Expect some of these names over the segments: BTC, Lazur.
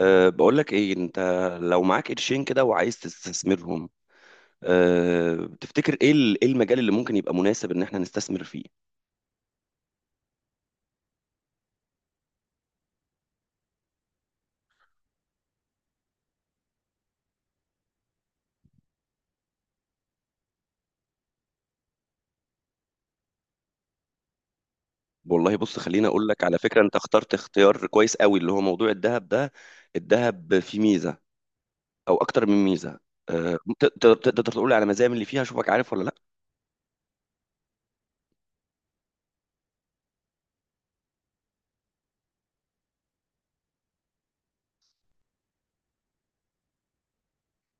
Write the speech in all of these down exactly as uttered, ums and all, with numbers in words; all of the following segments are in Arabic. أه بقول لك ايه انت، لو معاك قرشين كده وعايز تستثمرهم؟ أه تفتكر ايه ال- ايه المجال اللي ممكن يبقى مناسب ان احنا نستثمر فيه؟ والله بص، خليني اقول لك على فكرة، انت اخترت اختيار كويس قوي، اللي هو موضوع الذهب ده. الذهب فيه ميزة او اكتر من ميزة. أه ت- ت- تقدر تقول لي على مزايا من اللي فيها اشوفك عارف ولا لا؟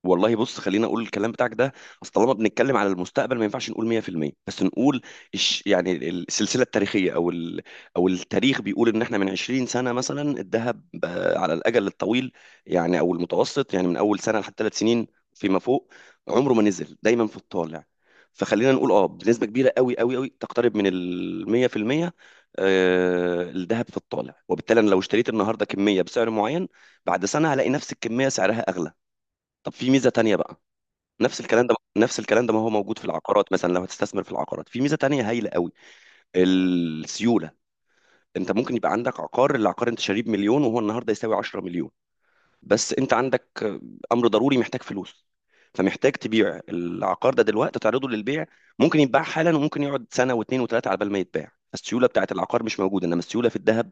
والله بص، خلينا اقول الكلام بتاعك ده. اصل طالما بنتكلم على المستقبل، ما ينفعش نقول مية في المية، بس نقول الش يعني السلسله التاريخيه، او ال او التاريخ بيقول ان احنا من عشرين سنه مثلا، الذهب، آه، على الاجل الطويل، يعني او المتوسط، يعني من اول سنه لحد ثلاث سنين فيما فوق، عمره ما نزل، دايما في الطالع. فخلينا نقول اه، بنسبه كبيره قوي قوي قوي، تقترب من ال مية في المية. آه، الذهب في الطالع، وبالتالي انا لو اشتريت النهارده كميه بسعر معين، بعد سنه هلاقي نفس الكميه سعرها اغلى. طب في ميزه تانية بقى. نفس الكلام ده نفس الكلام ده ما هو موجود في العقارات مثلا، لو هتستثمر في العقارات في ميزه تانية هايله قوي. السيوله. انت ممكن يبقى عندك عقار العقار انت شاريه بمليون، وهو النهارده يساوي عشرة مليون. بس انت عندك امر ضروري، محتاج فلوس، فمحتاج تبيع العقار ده دلوقتي، تعرضه للبيع. ممكن يتباع حالا، وممكن يقعد سنه واثنين وثلاثه على بال ما يتباع. السيوله بتاعت العقار مش موجوده، انما السيوله في الذهب.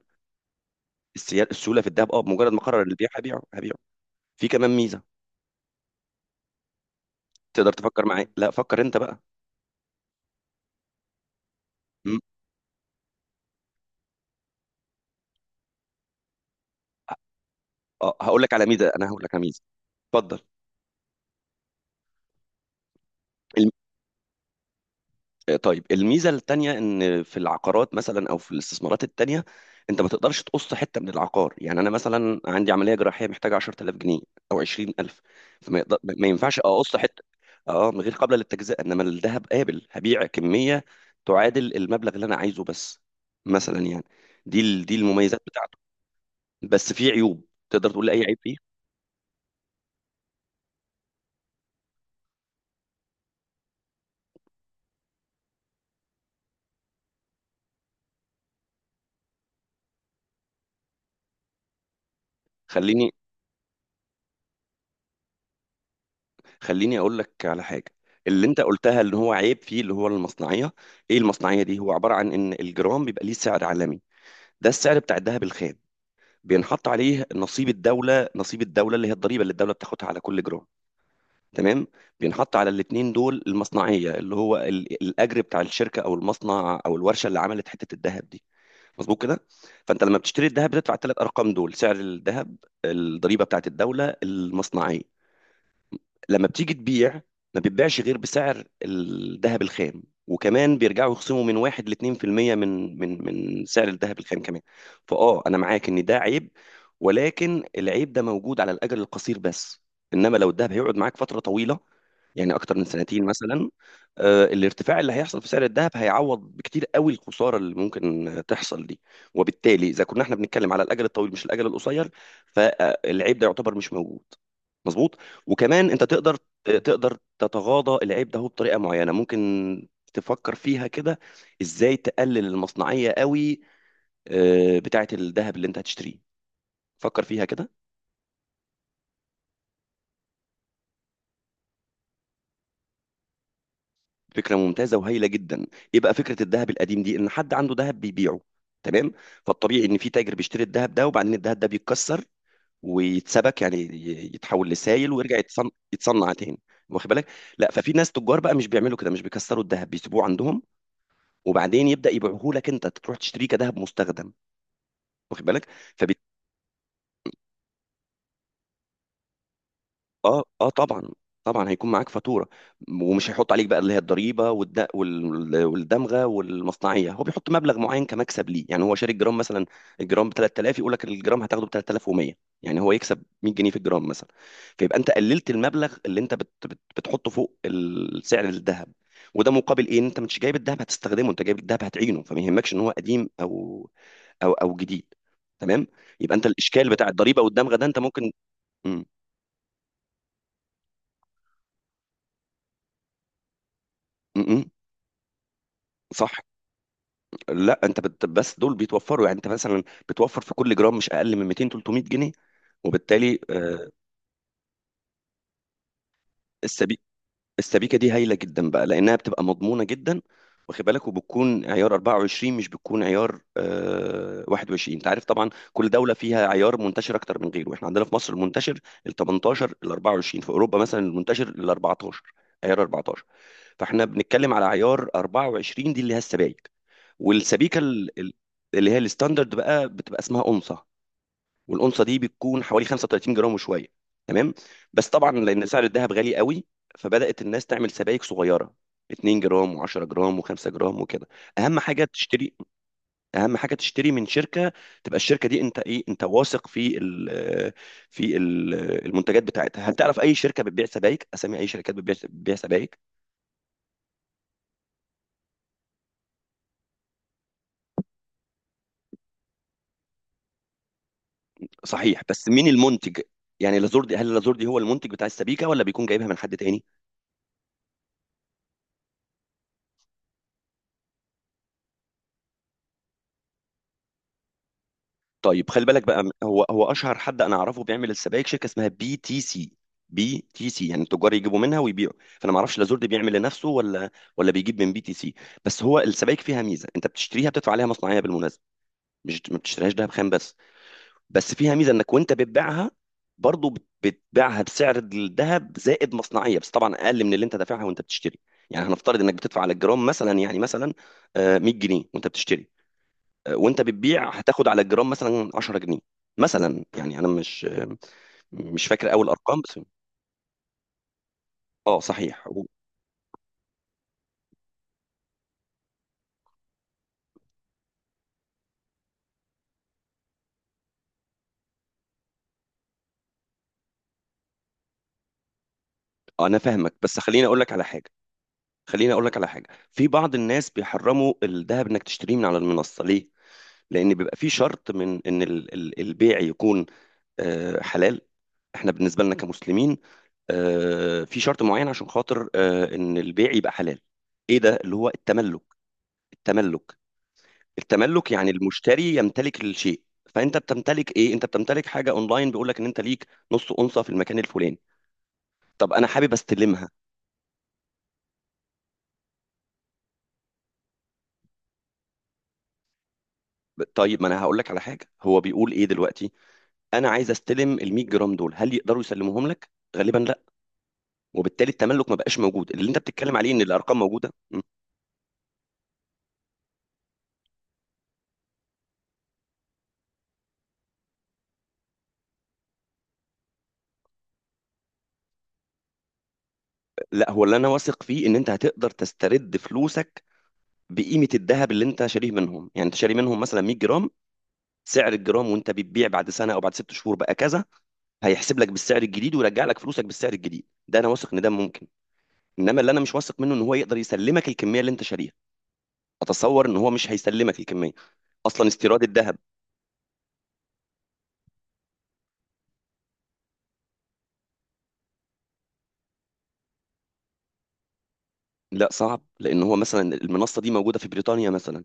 السيا- السيوله في الذهب، اه، بمجرد ما قرر البيع هبيعه هبيعه. في كمان ميزه، تقدر تفكر معايا؟ لا، فكر انت بقى. اه، هقول لك على ميزه، انا هقول لك على ميزه. اتفضل. الم... آه، طيب، الميزه التانيه ان في العقارات مثلا او في الاستثمارات التانيه، انت ما تقدرش تقص حته من العقار. يعني انا مثلا عندي عمليه جراحيه محتاجه عشر آلاف جنيه او عشرين ألف، فما يقدر... ما ما ينفعش اقص حته. اه، من غير قابله للتجزئه، انما الذهب قابل، هبيع كميه تعادل المبلغ اللي انا عايزه بس، مثلا يعني. دي ال... دي المميزات بتاعته. بس في عيوب، تقدر تقول لي اي عيب فيه؟ خليني خليني اقول لك على حاجه. اللي انت قلتها اللي هو عيب فيه، اللي هو المصنعيه. ايه المصنعيه دي؟ هو عباره عن ان الجرام بيبقى ليه سعر عالمي، ده السعر بتاع الذهب الخام. بينحط عليه نصيب الدوله، نصيب الدوله اللي هي الضريبه، اللي الدوله بتاخدها على كل جرام. تمام. بينحط على الاتنين دول المصنعيه، اللي هو ال- الاجر بتاع الشركه او المصنع او الورشه اللي عملت حته الذهب دي. مظبوط كده. فانت لما بتشتري الذهب، بتدفع الثلاث ارقام دول: سعر الذهب، الضريبه بتاعت الدوله، المصنعيه. لما بتيجي تبيع، ما بتبيعش غير بسعر الذهب الخام، وكمان بيرجعوا يخصموا من واحد لاتنين في المية من من من سعر الذهب الخام كمان. فاه، انا معاك ان ده عيب، ولكن العيب ده موجود على الاجل القصير بس. انما لو الذهب هيقعد معاك فتره طويله، يعني اكتر من سنتين مثلا، آه، الارتفاع اللي هيحصل في سعر الذهب هيعوض بكتير قوي الخساره اللي ممكن آه، تحصل دي. وبالتالي، اذا كنا احنا بنتكلم على الاجل الطويل مش الاجل القصير، فالعيب ده يعتبر مش موجود. مظبوط. وكمان انت تقدر، آه، تقدر تتغاضى العيب ده. هو بطريقه معينه، ممكن تفكر فيها كده: ازاي تقلل المصنعيه قوي آه، بتاعه الذهب اللي انت هتشتريه؟ فكر فيها كده. فكره ممتازه وهايله جدا. ايه بقى فكره الذهب القديم دي؟ ان حد عنده ذهب بيبيعه، تمام؟ فالطبيعي ان في تاجر بيشتري الذهب ده، وبعدين الذهب ده بيتكسر ويتسبك، يعني ي- يتحول لسائل، ويرجع يتصنع، يتصنع تاني. واخد بالك؟ لا، ففي ناس تجار بقى مش بيعملوا كده، مش بيكسروا الذهب، بيسيبوه عندهم، وبعدين يبدا يبيعوه لك، انت تروح تشتريه كذهب مستخدم، واخد بالك؟ اه اه، طبعا، طبعا هيكون معاك فاتوره، ومش هيحط عليك بقى اللي هي الضريبه والد... وال... والدمغه والمصنعيه. هو بيحط مبلغ معين كمكسب ليه. يعني هو شاري الجرام مثلا الجرام ب تلات آلاف، يقول لك الجرام هتاخده ب تلات آلاف ومية. يعني هو يكسب مية جنيه في الجرام مثلا. فيبقى انت قللت المبلغ اللي انت بت... بت... بتحطه فوق السعر الذهب. وده مقابل ايه؟ إن انت مش جايب الذهب هتستخدمه، انت جايب الذهب هتعينه، فما يهمكش ان هو قديم او او او جديد. تمام. يبقى انت الاشكال بتاع الضريبه والدمغه ده انت ممكن. م- م- م. صح. لا، انت بت... بس دول بيتوفروا، يعني انت مثلا بتوفر في كل جرام مش اقل من مئتين تلتمية جنيه. وبالتالي آه، السبي... السبيكه دي هايله جدا بقى، لانها بتبقى مضمونه جدا، واخد بالك؟ وبتكون عيار اربعة وعشرين، مش بتكون عيار آه، واحد وعشرين. انت عارف طبعا كل دوله فيها عيار منتشر اكتر من غيره. احنا عندنا في مصر المنتشر ال تمنتاشر، ال اربعة وعشرين. في اوروبا مثلا المنتشر ال اربعة عشر، عيار اربعة عشر. فاحنا بنتكلم على عيار اربعة وعشرين، دي اللي هي السبايك. والسبيكه ال- ال- اللي هي الستاندرد بقى بتبقى اسمها اونصه، والأونصة دي بتكون حوالي خمسة وتلاتين جرام وشوية. تمام. بس طبعا لأن سعر الذهب غالي قوي، فبدأت الناس تعمل سبائك صغيرة: اثنين جرام و10 جرام و5 جرام وكده. اهم حاجه تشتري اهم حاجه تشتري من شركه، تبقى الشركه دي انت ايه، انت واثق في ال في ال المنتجات بتاعتها. هل تعرف اي شركه بتبيع سبائك؟ اسامي اي شركات بتبيع بتبيع سبائك؟ صحيح، بس مين المنتج؟ يعني لازور دي، هل لازور دي هو المنتج بتاع السبيكه، ولا بيكون جايبها من حد تاني؟ طيب، خلي بالك بقى. هو هو اشهر حد انا اعرفه بيعمل السبائك، شركه اسمها بي تي سي. بي تي سي يعني التجار يجيبوا منها ويبيعوا. فانا ما اعرفش، لا زرد بيعمل لنفسه، ولا ولا بيجيب من بي تي سي. بس هو السبائك فيها ميزه، انت بتشتريها بتدفع عليها مصنعيه بالمناسبه، مش ما بتشتريهاش دهب خام بس. بس فيها ميزه، انك وانت بتبيعها برضه، بت- بتبيعها بسعر الذهب زائد مصنعيه، بس طبعا اقل من اللي انت دافعها وانت بتشتري. يعني هنفترض انك بتدفع على الجرام مثلا، يعني مثلا آه، مية جنيه وانت بتشتري، وانت بتبيع هتاخد على الجرام مثلا عشرة جنيه، مثلا يعني، انا مش مش فاكر اول ارقام بس. اه صحيح. و- انا فاهمك، بس خليني اقول لك على حاجه خليني اقول لك على حاجه. في بعض الناس بيحرموا الذهب انك تشتريه من على المنصه. ليه؟ لان بيبقى في شرط من ان ال- ال- البيع يكون آه، حلال. احنا بالنسبه لنا كمسلمين، آه، في شرط معين عشان خاطر آه، ان البيع يبقى حلال. ايه ده؟ اللي هو التملك. التملك التملك يعني المشتري يمتلك الشيء. فانت بتمتلك ايه؟ انت بتمتلك حاجه اونلاين، بيقول لك ان انت ليك نص اونصه في المكان الفلاني. طب انا حابب استلمها. ب- طيب، ما انا هقول لك على حاجه. هو بيقول ايه دلوقتي؟ انا عايز استلم ال مية جرام دول، هل يقدروا يسلموهم لك؟ غالبا لا. وبالتالي التملك ما بقاش موجود، اللي انت بتتكلم عليه ان الارقام موجوده. م. لا، هو اللي انا واثق فيه ان انت هتقدر تسترد فلوسك بقيمه الذهب اللي انت شاريه منهم. يعني انت شاري منهم مثلا مية جرام، سعر الجرام، وانت بتبيع بعد سنه او بعد ست شهور بقى كذا، هيحسب لك بالسعر الجديد، ويرجع لك فلوسك بالسعر الجديد. ده انا واثق ان ده ممكن. انما اللي انا مش واثق منه، ان هو يقدر يسلمك الكميه اللي انت شاريها. اتصور ان هو مش هيسلمك الكميه، اصلا استيراد الذهب. لا، صعب، لان هو مثلا المنصه دي موجوده في بريطانيا مثلا،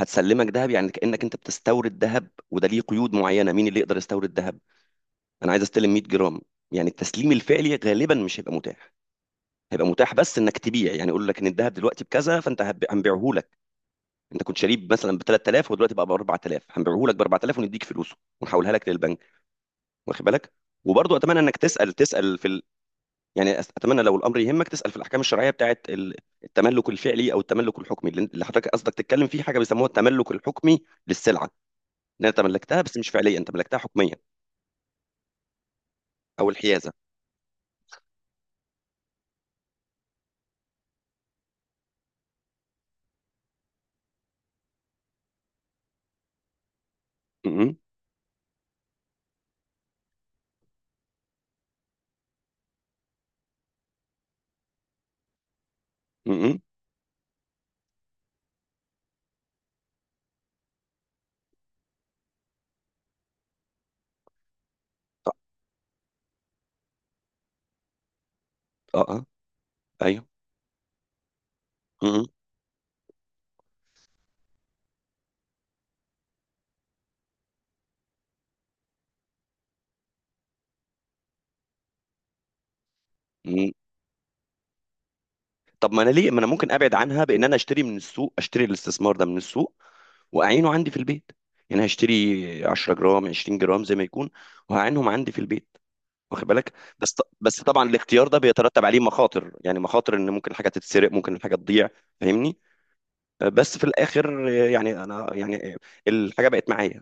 هتسلمك ذهب، يعني كانك انت بتستورد ذهب، وده ليه قيود معينه. مين اللي يقدر يستورد ذهب؟ انا عايز استلم مية جرام. يعني التسليم الفعلي غالبا مش هيبقى متاح، هيبقى متاح بس انك تبيع. يعني يقول لك ان الذهب دلوقتي بكذا، فانت هب- هنبيعه لك. انت كنت شاريه مثلا ب ثلاثة آلاف، ودلوقتي بقى ب اربعة آلاف، هنبيعه لك ب اربعة آلاف، ونديك فلوسه ونحولها لك للبنك، واخد بالك؟ وبرضه اتمنى انك تسال تسال في ال... يعني، أس- اتمنى لو الامر يهمك تسال في الاحكام الشرعيه بتاعت ال- التملك الفعلي او التملك الحكمي، اللي اللي حضرتك قصدك تتكلم فيه. حاجه بيسموها التملك الحكمي للسلعه، ان انت تملكتها بس مش فعليا، انت ملكتها حكميا او الحيازه. م- م- م- م. اه اه، ايوه. م- م- طب، ما انا ليه، ما انا ممكن ابعد عنها بان انا اشتري من السوق اشتري الاستثمار ده من السوق، واعينه عندي في البيت. يعني هشتري عشر جرام عشرين جرام زي ما يكون، وهعينهم عندي في البيت، واخد بالك؟ بس ط- بس طبعا الاختيار ده بيترتب عليه مخاطر، يعني مخاطر ان ممكن حاجه تتسرق، ممكن الحاجه تضيع. فاهمني؟ بس في الاخر يعني انا يعني الحاجه بقت معايا.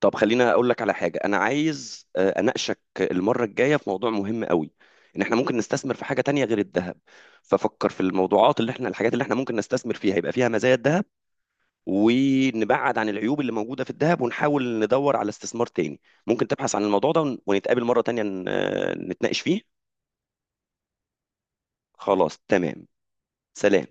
طب خلينا اقول لك على حاجه، انا عايز آه، اناقشك المره الجايه في موضوع مهم قوي، ان احنا ممكن نستثمر في حاجه تانية غير الذهب. ففكر في الموضوعات اللي احنا الحاجات اللي احنا ممكن نستثمر فيها يبقى فيها مزايا الذهب، ونبعد عن العيوب اللي موجوده في الذهب، ونحاول ندور على استثمار تاني. ممكن تبحث عن الموضوع ده، ون- ونتقابل مره تانية ن- آه، نتناقش فيه. خلاص، تمام. سلام.